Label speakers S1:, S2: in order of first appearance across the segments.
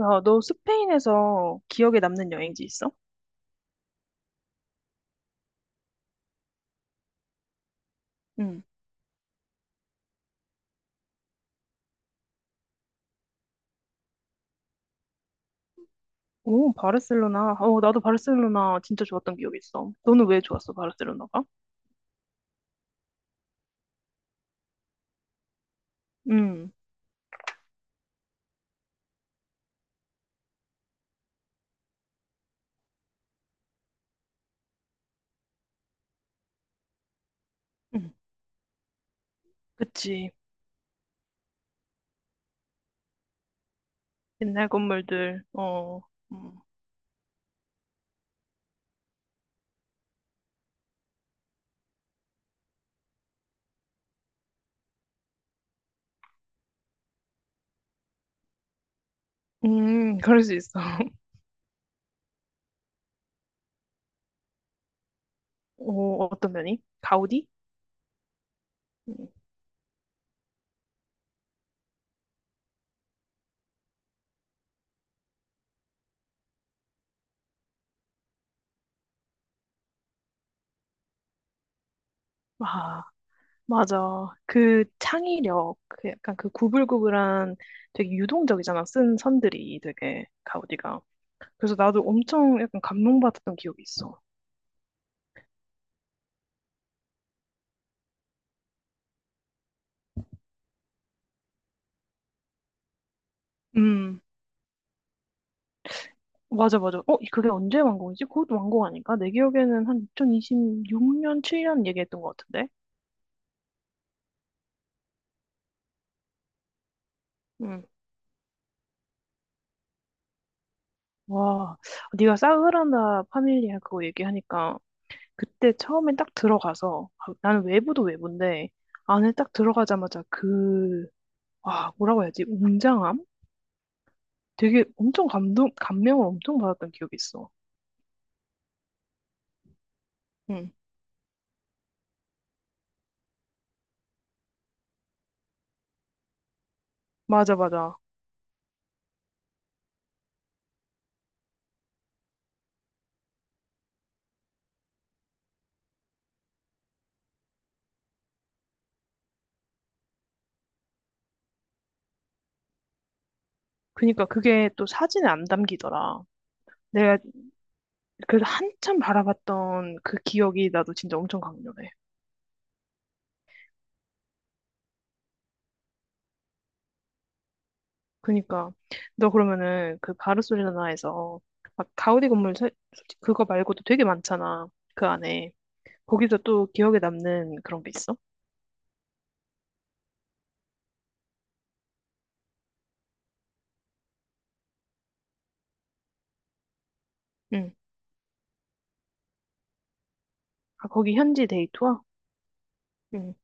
S1: 야, 너 스페인에서 기억에 남는 여행지 있어? 응. 오, 바르셀로나. 나도 바르셀로나 진짜 좋았던 기억이 있어. 너는 왜 좋았어, 바르셀로나가? 응. 응. 그치. 옛날 건물들, 어, 음, 그럴 수 있어. 오, 어떤 면이? 가우디? 음. 아, 맞아. 그 창의력, 그 약간 그 구불구불한 되게 유동적이잖아. 쓴 선들이 되게 가우디가. 그래서 나도 엄청 약간 감동받았던 기억이 있어. 음. 맞아, 맞아. 어, 그게 언제 완공이지? 그것도 완공 아닌가? 내 기억에는 한 2026년, 7년 얘기했던 것 같은데? 응. 와, 네가 사그라나 파밀리아 그거 얘기하니까 그때 처음에 딱 들어가서 아, 나는 외부도 외부인데 안에 딱 들어가자마자 그, 와, 뭐라고 해야지? 웅장함? 되게 엄청 감동, 감명을 엄청 받았던 기억이 있어. 응. 맞아, 맞아. 그니까 그게 또 사진에 안 담기더라. 내가 그래서 한참 바라봤던 그 기억이 나도 진짜 엄청 강렬해. 그니까 너 그러면은 그 바르셀로나에서 막 가우디 건물 세- 솔직히 그거 말고도 되게 많잖아 그 안에 거기서 또 기억에 남는 그런 게 있어? 응. 아 거기 현지 데이트와? 응.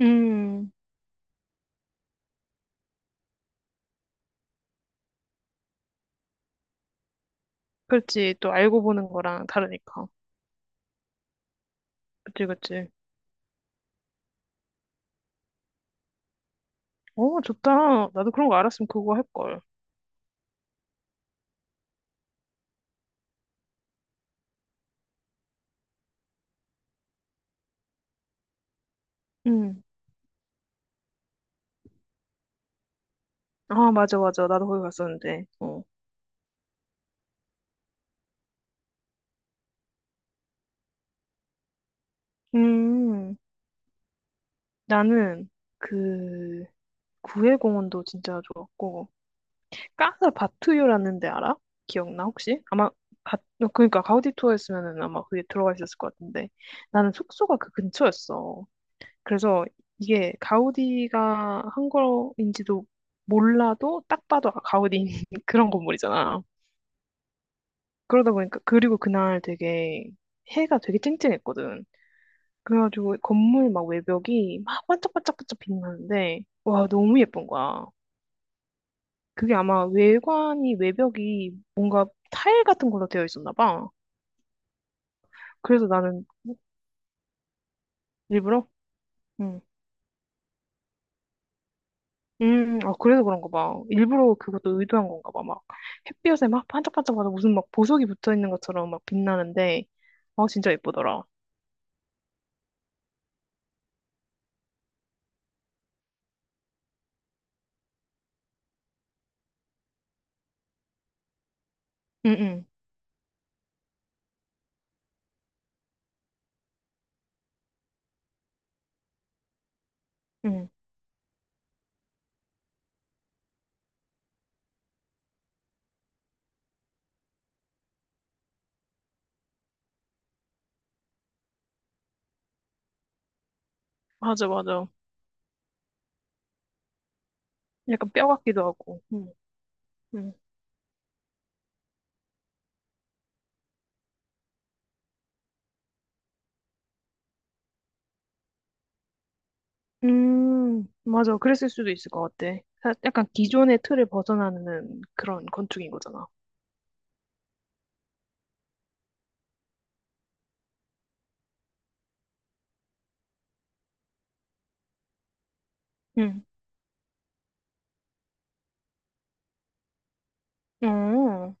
S1: 음. 그렇지 또 알고 보는 거랑 다르니까. 그치 그치. 어 좋다. 나도 그런 거 알았으면 그거 할 걸. 응. 아 맞아 맞아 나도 거기 갔었는데. 어. 음. 나는 그 구해공원도 진짜 좋았고. 까나 바투유라는 데 알아? 기억나 혹시? 아마 가, 그러니까 가우디 투어 였으면은 아마 그게 들어가 있었을 것 같은데 나는 숙소가 그 근처였어. 그래서 이게 가우디가 한 거인지도 몰라도 딱 봐도 아, 가우디인 그런 건물이잖아. 그러다 보니까 그리고 그날 되게 해가 되게 쨍쨍했거든. 그래가지고 건물 막 외벽이 막 반짝반짝반짝 빛나는데 와 너무 예쁜 거야. 그게 아마 외관이, 외벽이 뭔가 타일 같은 걸로 되어 있었나 봐. 그래서 나는 일부러? 응. 아, 그래서 그런가 봐. 일부러 그것도 의도한 건가 봐. 막 햇볕에 막 반짝반짝하다 무슨 막 보석이 붙어 있는 것처럼 막 빛나는데, 아, 진짜 예쁘더라. 응, 응, 응. 맞아, 맞아. 약간 뼈 같기도 하고. 응, 응. 맞아. 그랬을 수도 있을 것 같아. 사- 약간 기존의 틀을 벗어나는 그런 건축인 거잖아. 응. 어,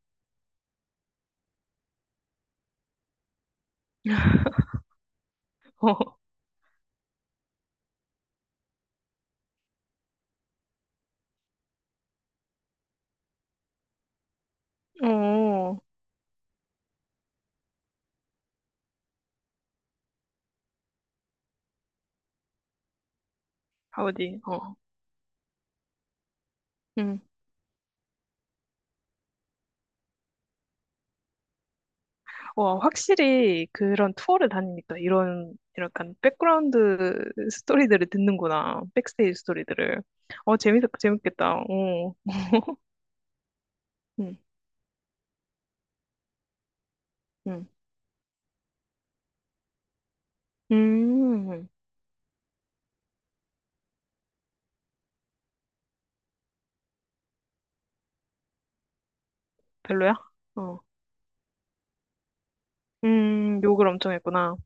S1: 어, 어디? 어. 음. 와, 확실히 그런 투어를 다니니까 이런 약간 백그라운드 스토리들을 듣는구나. 백스테이지 스토리들을. 어, 재밌, 재밌겠다. 어. 음. 음. 음. 별로야? 어. 욕을 엄청 했구나.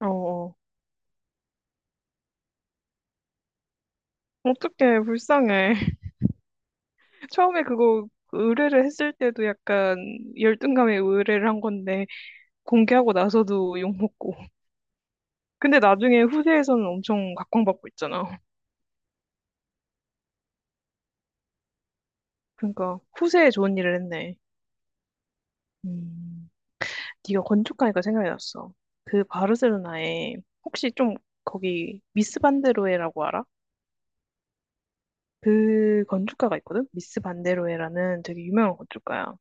S1: 어. 어. 어떡해, 불쌍해. 처음에 그거 의뢰를 했을 때도 약간 열등감에 의뢰를 한 건데 공개하고 나서도 욕먹고. 근데 나중에 후세에서는 엄청 각광받고 있잖아. 그러니까 후세에 좋은 일을 했네. 음, 네가 건축하니까 생각이 났어. 그 바르셀로나에 혹시 좀 거기 미스 반데로에라고 알아? 그 건축가가 있거든? 미스 반데로에라는 되게 유명한 건축가야.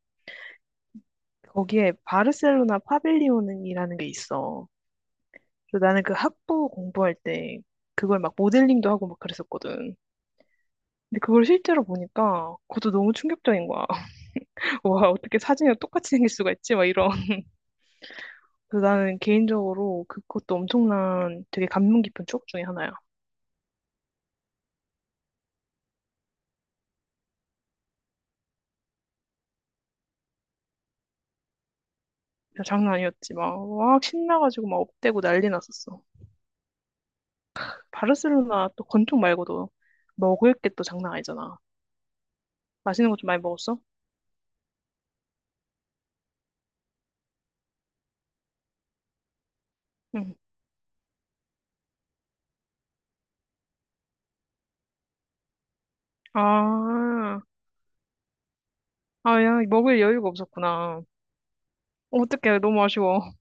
S1: 거기에 바르셀로나 파빌리온이라는 게 있어. 그래서 나는 그 학부 공부할 때 그걸 막 모델링도 하고 막 그랬었거든. 근데 그걸 실제로 보니까 그것도 너무 충격적인 거야. 와, 어떻게 사진이랑 똑같이 생길 수가 있지? 막 이런. 그래서 나는 개인적으로 그- 그것도 엄청난 되게 감명 깊은 추억 중에 하나야. 야, 장난 아니었지. 막, 막 신나가지고 막 업대고 난리 났었어. 그 바르셀로나 또 건축 말고도 먹을 게 또 장난 아니잖아. 맛있는 거 좀 많이 먹었어? 응. 아, 아, 야, 먹을 여유가 없었구나. 어떡해, 너무 아쉬워.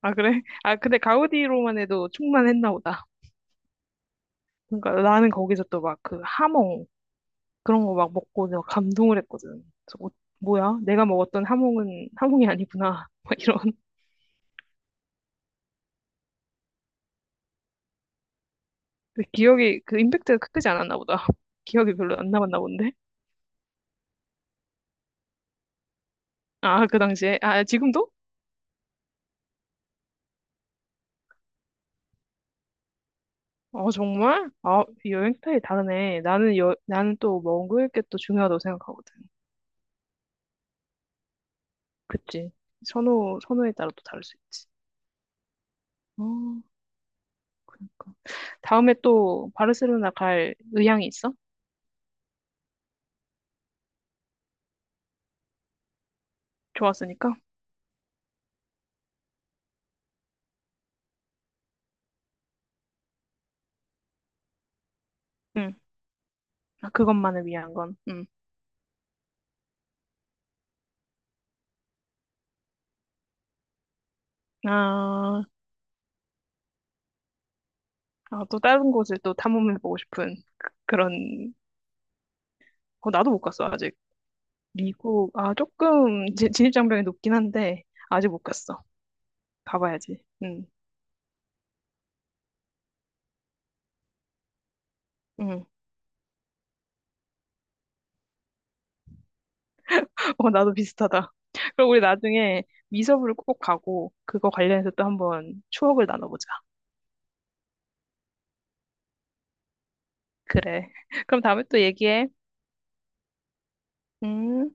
S1: 아, 그래? 아, 근데 가우디로만 해도 충만했나 보다. 그러니까 나는 거기서 또 막 그 하몽, 그런 거 막 먹고 내가 감동을 했거든. 그래서 어, 뭐야? 내가 먹었던 하몽은 하몽이 아니구나. 막 이런. 근데 기억이 그 임팩트가 크지 않았나 보다. 기억이 별로 안 남았나 본데. 아, 그 당시에. 아, 지금도? 어, 정말? 아, 여행 스타일이 다르네. 나는 여, 나는 또 먹을 게 또 중요하다고 생각하거든. 그치? 선호, 선호에 따라 또 다를 수 있지. 어, 그러니까. 다음에 또 바르셀로나 갈 의향이 있어? 좋았으니까? 응. 아, 그것만을 위한 건. 응. 아, 아, 또 다른 곳을 또 탐험해보고 싶은 그- 그런, 어, 나도 못 갔어, 아직. 미국, 아, 조금 지- 진입장벽이 높긴 한데, 아직 못 갔어. 가봐야지. 응, 응. 어, 나도 비슷하다. 그럼 우리 나중에 미서부를 꼭 가고, 그거 관련해서 또 한번 추억을 나눠보자. 그래. 그럼 다음에 또 얘기해. 음.